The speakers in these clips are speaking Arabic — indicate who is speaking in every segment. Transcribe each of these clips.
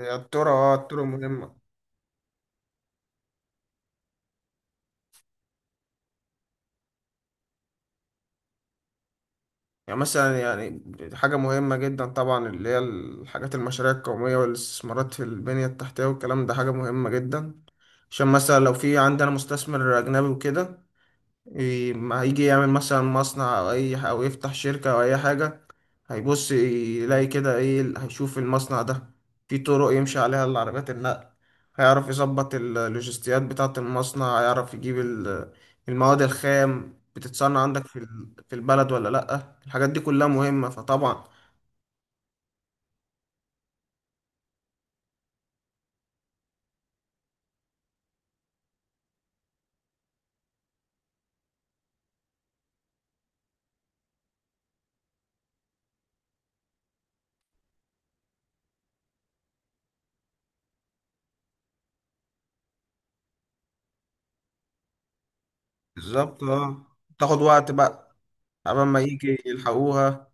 Speaker 1: هي الترى مهمة. يعني مثلا حاجة مهمة جدا طبعا، اللي هي الحاجات المشاريع القومية والاستثمارات في البنية التحتية والكلام ده حاجة مهمة جدا. عشان مثلا لو في عندنا مستثمر أجنبي وكده، ما هيجي يعمل مثلا مصنع او اي او يفتح شركة او اي حاجة، هيبص يلاقي كده ايه هيشوف المصنع ده في طرق يمشي عليها العربيات النقل، هيعرف يظبط اللوجستيات بتاعة المصنع، هيعرف يجيب المواد الخام بتتصنع عندك في البلد ولا لأ. الحاجات دي كلها مهمة فطبعا بالظبط، اه. تاخد وقت بقى قبل ما يجي يلحقوها.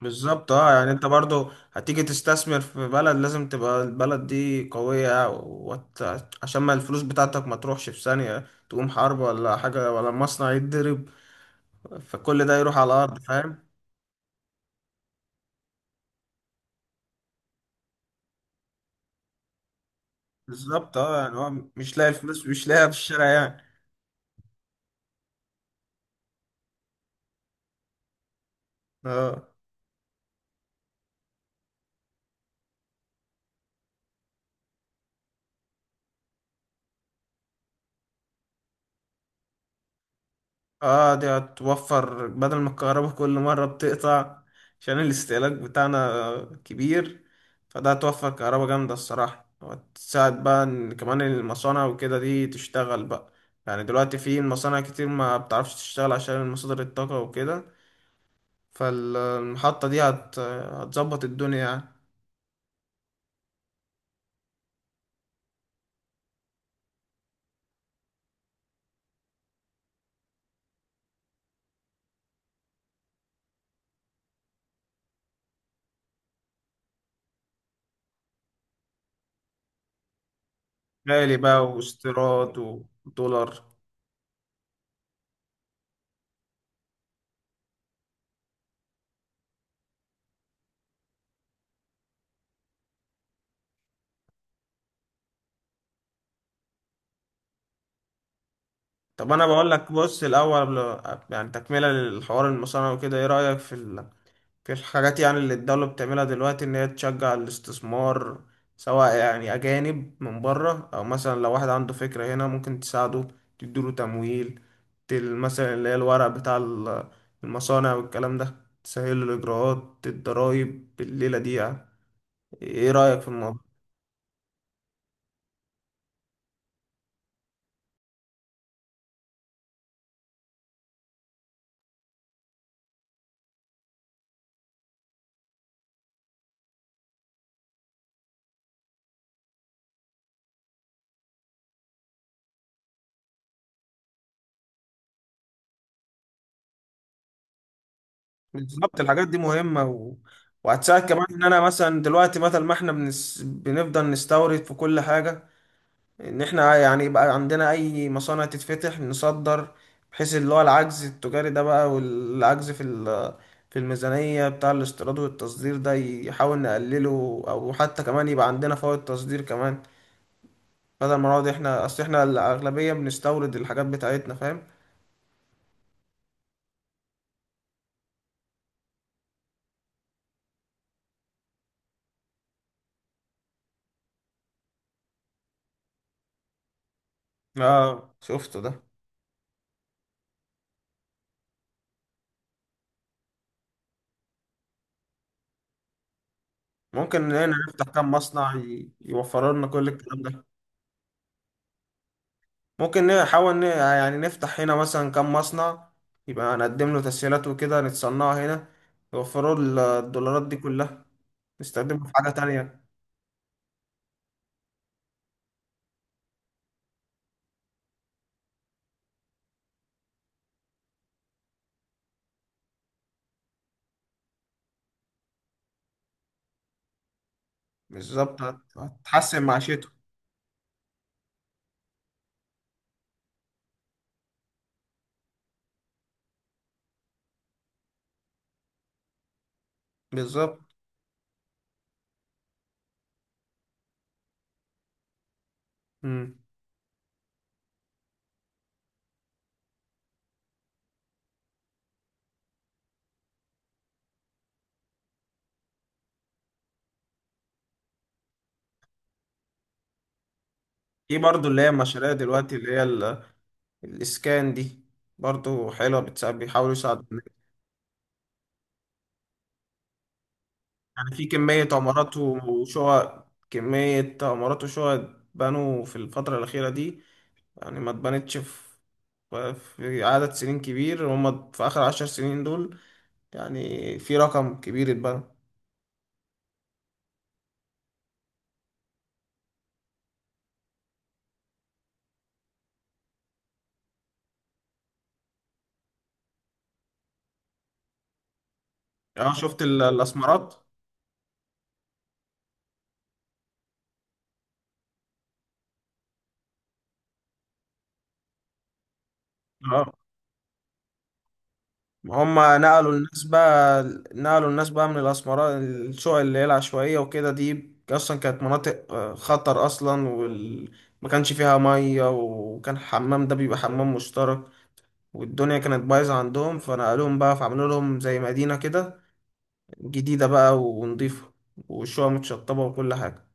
Speaker 1: بالظبط، اه. يعني انت برضو هتيجي تستثمر في بلد، لازم تبقى البلد دي قوية عشان ما الفلوس بتاعتك ما تروحش في ثانية تقوم حرب ولا حاجة ولا مصنع يتضرب، فكل ده يروح على الأرض، فاهم. بالظبط، اه. يعني هو مش لاقي الفلوس، مش لاقيها في الشارع يعني. اه. اه، دي هتوفر بدل ما الكهرباء كل مرة بتقطع عشان الاستهلاك بتاعنا كبير، فده هتوفر كهرباء جامدة الصراحة، وتساعد بقى ان كمان المصانع وكده دي تشتغل بقى. يعني دلوقتي في مصانع كتير ما بتعرفش تشتغل عشان مصادر الطاقة وكده، فالمحطة دي هتظبط الدنيا يعني. غالي بقى واستيراد ودولار. طب انا بقول لك، بص الاول يعني تكملة للحوار، المصانع وكده ايه رأيك في الحاجات يعني، اللي الدولة بتعملها دلوقتي إن هي تشجع الاستثمار، سواء يعني أجانب من بره، أو مثلا لو واحد عنده فكرة هنا ممكن تساعده، تديله تمويل، مثلا اللي هي الورق بتاع المصانع والكلام ده، تسهل له الإجراءات، الضرايب الليلة دي يعني، إيه رأيك في الموضوع؟ بالظبط، الحاجات دي مهمة وهتساعد كمان، إن أنا مثلا دلوقتي بدل ما إحنا بنفضل نستورد في كل حاجة، ان احنا يعني يبقى عندنا اي مصانع تتفتح نصدر، بحيث اللي هو العجز التجاري ده بقى والعجز في الميزانية بتاع الاستيراد والتصدير ده يحاول نقلله، او حتى كمان يبقى عندنا فوائد تصدير كمان، بدل ما نقعد احنا. اصل احنا الاغلبية بنستورد الحاجات بتاعتنا، فاهم. اه، شفته ده. ممكن هنا نفتح كام مصنع يوفر لنا كل الكلام ده. ممكن نحاول يعني نفتح هنا مثلا كام مصنع، يبقى نقدم له تسهيلات وكده، نتصنعها هنا، يوفروا الدولارات دي كلها، نستخدمها في حاجة تانية. بالظبط، هتحسن معيشته. بالظبط مم. في برضو اللي هي المشاريع دلوقتي اللي هي الإسكان دي، برضو حلوة، بتساعد، بيحاولوا يساعدوا الناس. يعني في كمية عمارات وشقق، بنوا في الفترة الأخيرة دي، يعني ما اتبنتش في عدد سنين كبير. هما في آخر 10 سنين دول يعني في رقم كبير اتبنى. اه، شفت الأسمرات. اه، هما نقلوا الناس بقى، من الأسمرات، الشقق اللي هي العشوائية وكده دي أصلا كانت مناطق خطر أصلا، ما كانش فيها مية، وكان الحمام ده بيبقى حمام مشترك، والدنيا كانت بايظة عندهم، فنقلوهم بقى، فعملوا لهم زي مدينة كده جديدة بقى ونضيفة، وشوية متشطبة وكل حاجة.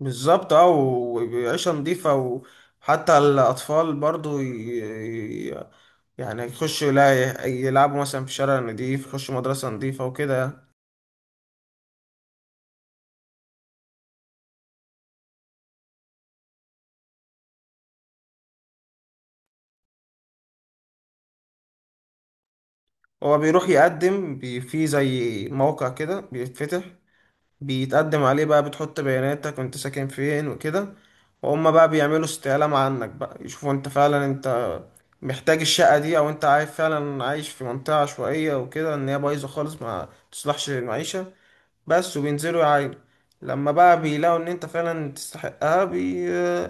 Speaker 1: بالظبط، اه، وعيشة نضيفة، وحتى الأطفال برضو ي- يعني يخشوا يلعبوا مثلا في شارع نضيف، يخشوا مدرسة نضيفة وكده. هو بيروح يقدم في زي موقع كده بيتفتح، بيتقدم عليه بقى، بتحط بياناتك وانت ساكن فين وكده، وهم بقى بيعملوا استعلام عنك بقى، يشوفوا انت فعلا انت محتاج الشقة دي، او انت عايز فعلا، عايش في منطقة عشوائية وكده ان هي بايظة خالص ما تصلحش للمعيشة بس، وبينزلوا يعاينوا. لما بقى بيلاقوا ان انت فعلا تستحقها،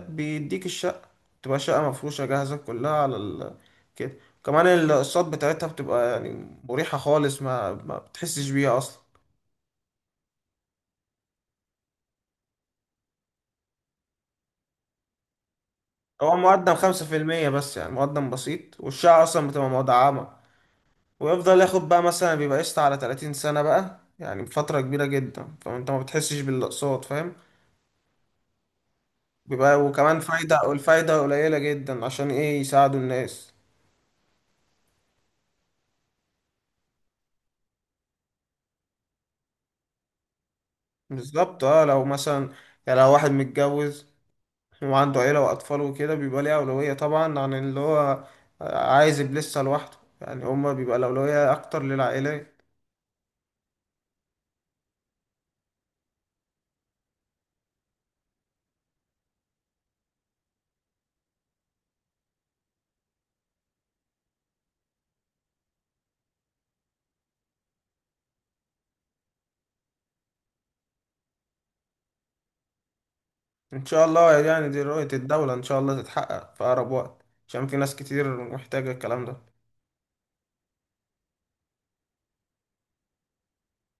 Speaker 1: بيديك الشقة، تبقى شقة مفروشة جاهزة كلها على كده. كمان الاقساط بتاعتها بتبقى يعني مريحة خالص، ما بتحسش بيها اصلا. هو مقدم 5% بس، يعني مقدم بسيط، والشقة أصلا بتبقى مدعمة، ويفضل ياخد بقى مثلا، بيبقى قسط على 30 سنة بقى، يعني فترة كبيرة جدا، فأنت ما بتحسش بالأقساط، فاهم. بيبقى وكمان فايدة، والفايدة قليلة جدا عشان إيه، يساعدوا الناس. بالظبط، اه، لو مثلا يعني لو واحد متجوز وعنده عيلة وأطفال وكده، بيبقى ليه أولوية طبعا عن اللي هو عايز يبقى لسه لوحده. يعني هما بيبقى الأولوية أكتر للعائلات. ان شاء الله، يعني دي رؤية الدولة، ان شاء الله تتحقق في اقرب وقت، عشان في ناس كتير محتاجة الكلام ده